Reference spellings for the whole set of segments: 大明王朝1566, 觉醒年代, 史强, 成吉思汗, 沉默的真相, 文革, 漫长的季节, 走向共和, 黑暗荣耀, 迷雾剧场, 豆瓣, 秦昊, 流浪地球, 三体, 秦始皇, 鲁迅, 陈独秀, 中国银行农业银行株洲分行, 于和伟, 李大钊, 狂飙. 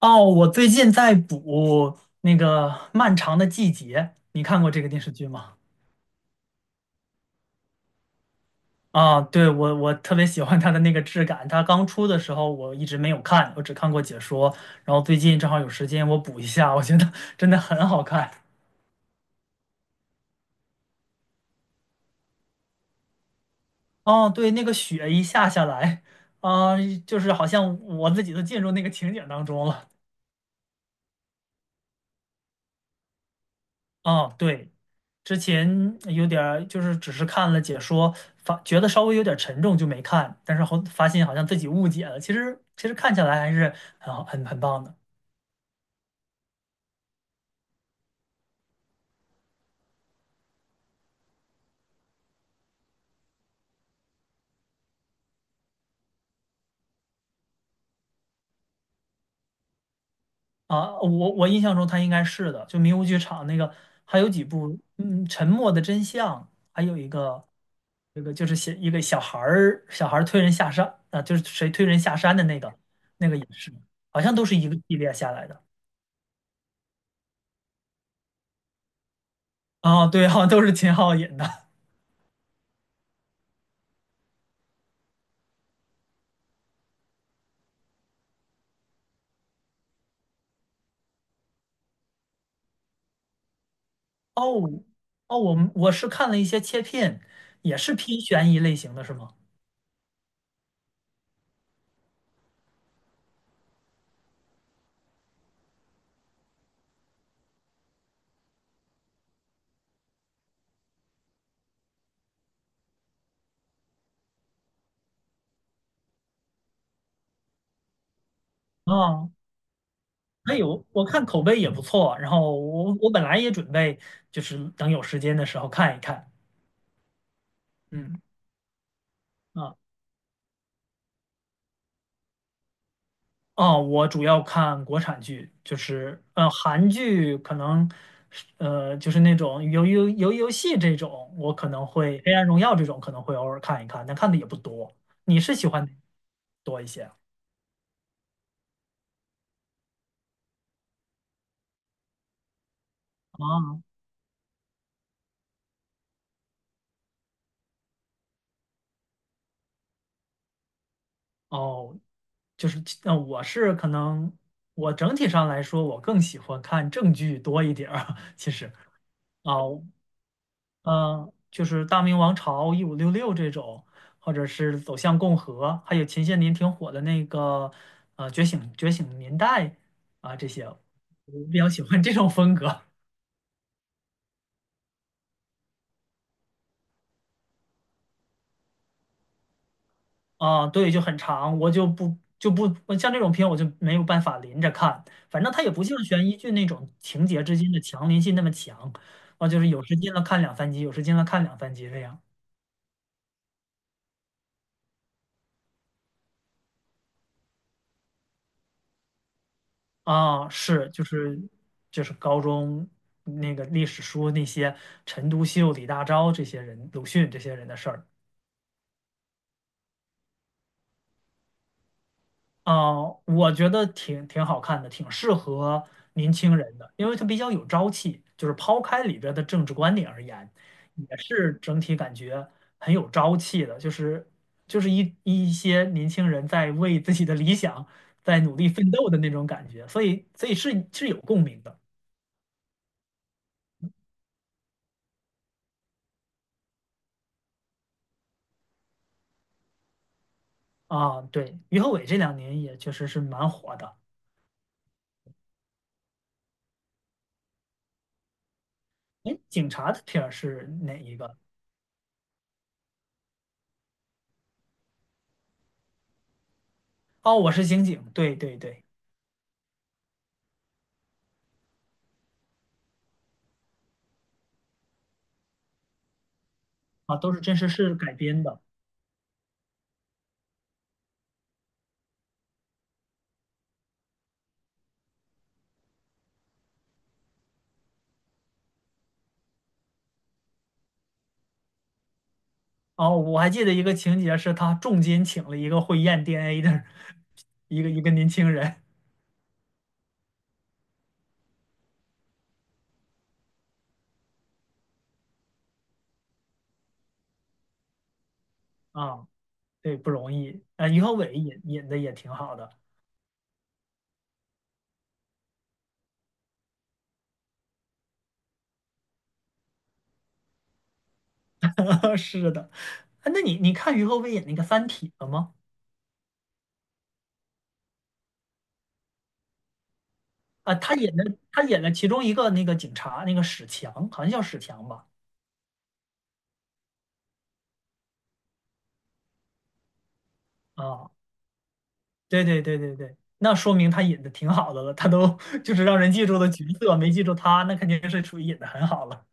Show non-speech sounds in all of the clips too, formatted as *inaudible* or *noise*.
哦，我最近在补那个《漫长的季节》，你看过这个电视剧吗？啊，对，我特别喜欢它的那个质感。它刚出的时候我一直没有看，我只看过解说。然后最近正好有时间，我补一下，我觉得 *laughs* 真的很好看。哦，对，那个雪一下下来，啊，就是好像我自己都进入那个情景当中了。哦，对，之前有点儿就是只是看了解说，发觉得稍微有点沉重就没看，但是后发现好像自己误解了。其实看起来还是很好很棒的。啊！我印象中他应该是的，就迷雾剧场那个，还有几部，嗯，《沉默的真相》，还有一个这个就是写一个小孩儿推人下山啊，就是谁推人下山的那个也是，好像都是一个系列下来的。啊，对，好像都是秦昊演的。哦哦，我是看了一些切片，也是偏悬疑类型的，是吗？啊，还有我看口碑也不错，然后我本来也准备就是等有时间的时候看一看。嗯。啊。哦，我主要看国产剧，就是韩剧可能是就是那种游戏这种，我可能会《黑暗荣耀》这种可能会偶尔看一看，但看的也不多。你是喜欢哪多一些啊？哦，就是，我是可能我整体上来说，我更喜欢看正剧多一点儿。*laughs* 其实啊，就是《大明王朝》1566这种，或者是《走向共和》，还有前些年挺火的那个《觉醒年代》。啊，这些我比较喜欢这种风格。啊，对，就很长，我就不像这种片我就没有办法连着看，反正它也不像悬疑剧那种情节之间的强连性那么强，啊，就是有时间了看两三集，有时间了看两三集这样。啊，是就是高中那个历史书那些陈独秀、李大钊这些人，鲁迅这些人的事儿。啊，我觉得挺好看的，挺适合年轻人的，因为它比较有朝气。就是抛开里边的政治观点而言，也是整体感觉很有朝气的。就是一些年轻人在为自己的理想在努力奋斗的那种感觉，所以是有共鸣的。啊。对，于和伟这两年也确实是蛮火的。哎，警察的片儿是哪一个？哦，我是刑警。对对对。啊，都是真实事改编的。哦，我还记得一个情节是他重金请了一个会验 DNA 的一个年轻人。啊，对，不容易啊。于和伟演的也挺好的，*laughs* 是的。啊，那你看于和伟演那个《三体》了吗？啊，他演的。他演了其中一个那个警察，那个史强，好像叫史强吧？啊，对对对对对，那说明他演的挺好的了。他都 *laughs* 就是让人记住的角色，没记住他，那肯定是属于演的很好了。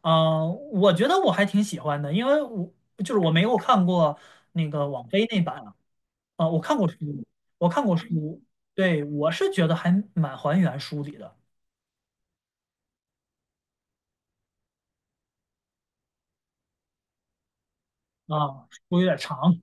啊，我觉得我还挺喜欢的，因为就是我没有看过那个网飞那版啊，我看过书，我看过书，对，我是觉得还蛮还原书里的。啊，书有点长。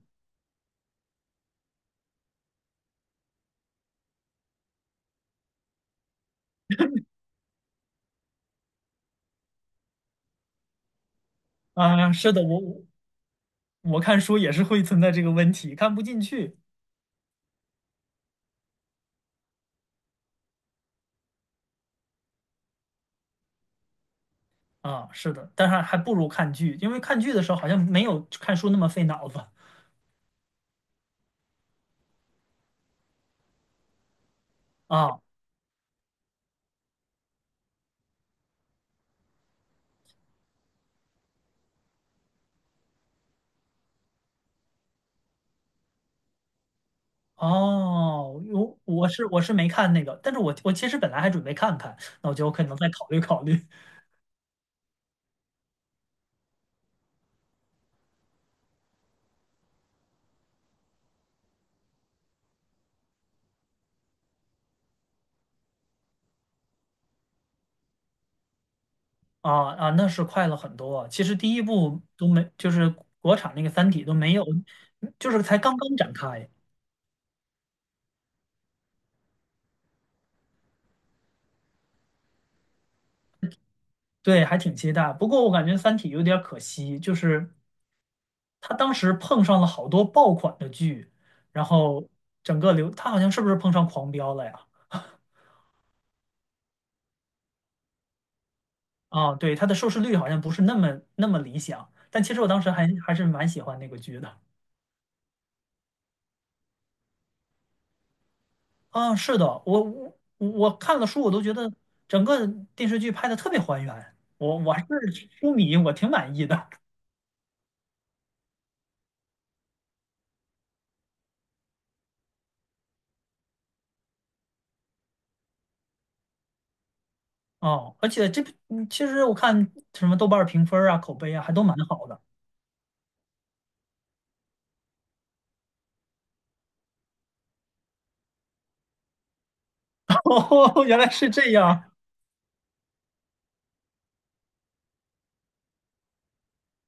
啊，是的，我看书也是会存在这个问题，看不进去。啊，是的，但是还不如看剧，因为看剧的时候好像没有看书那么费脑子。啊。哦，我是没看那个，但是我其实本来还准备看看，那我觉得我可能再考虑考虑。啊啊，那是快了很多。其实第一部都没，就是国产那个《三体》都没有，就是才刚刚展开。对，还挺期待。不过我感觉《三体》有点可惜，就是他当时碰上了好多爆款的剧，然后整个流，他好像是不是碰上狂飙了呀？啊，对，它的收视率好像不是那么理想。但其实我当时还是蛮喜欢那个剧的。啊，是的，我看了书，我都觉得整个电视剧拍的特别还原，我还是书迷，我挺满意的。哦，而且这部其实我看什么豆瓣儿评分儿啊、口碑啊，还都蛮好的。*laughs* 哦，原来是这样。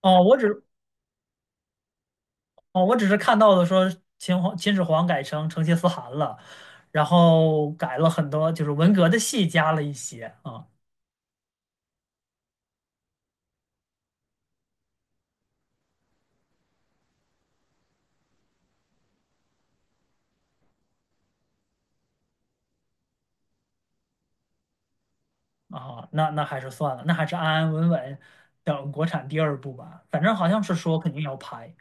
哦，我只哦，我只是看到的说秦始皇改成成吉思汗了，然后改了很多，就是文革的戏加了一些啊。啊，那还是算了，那还是安安稳稳等国产第二部吧。反正好像是说肯定要拍。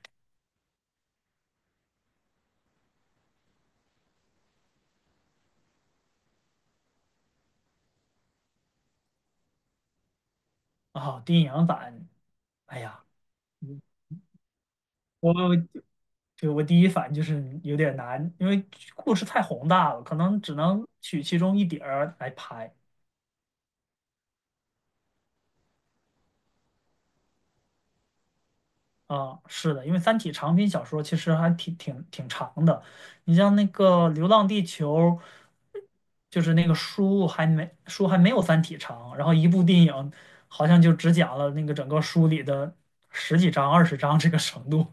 啊，电影版，哎呀，嗯我对我第一反应就是有点难，因为故事太宏大了，可能只能取其中一点儿来拍。啊。是的，因为《三体》长篇小说其实还挺长的，你像那个《流浪地球》，就是那个书还没有《三体》长，然后一部电影好像就只讲了那个整个书里的十几章、20章这个程度。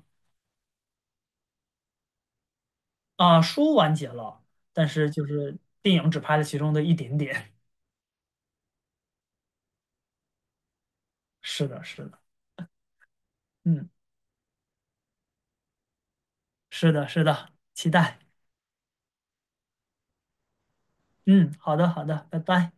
啊，书完结了，但是就是电影只拍了其中的一点点。*laughs* 是的，是的，嗯，是的，是的，期待。嗯，好的，好的，拜拜。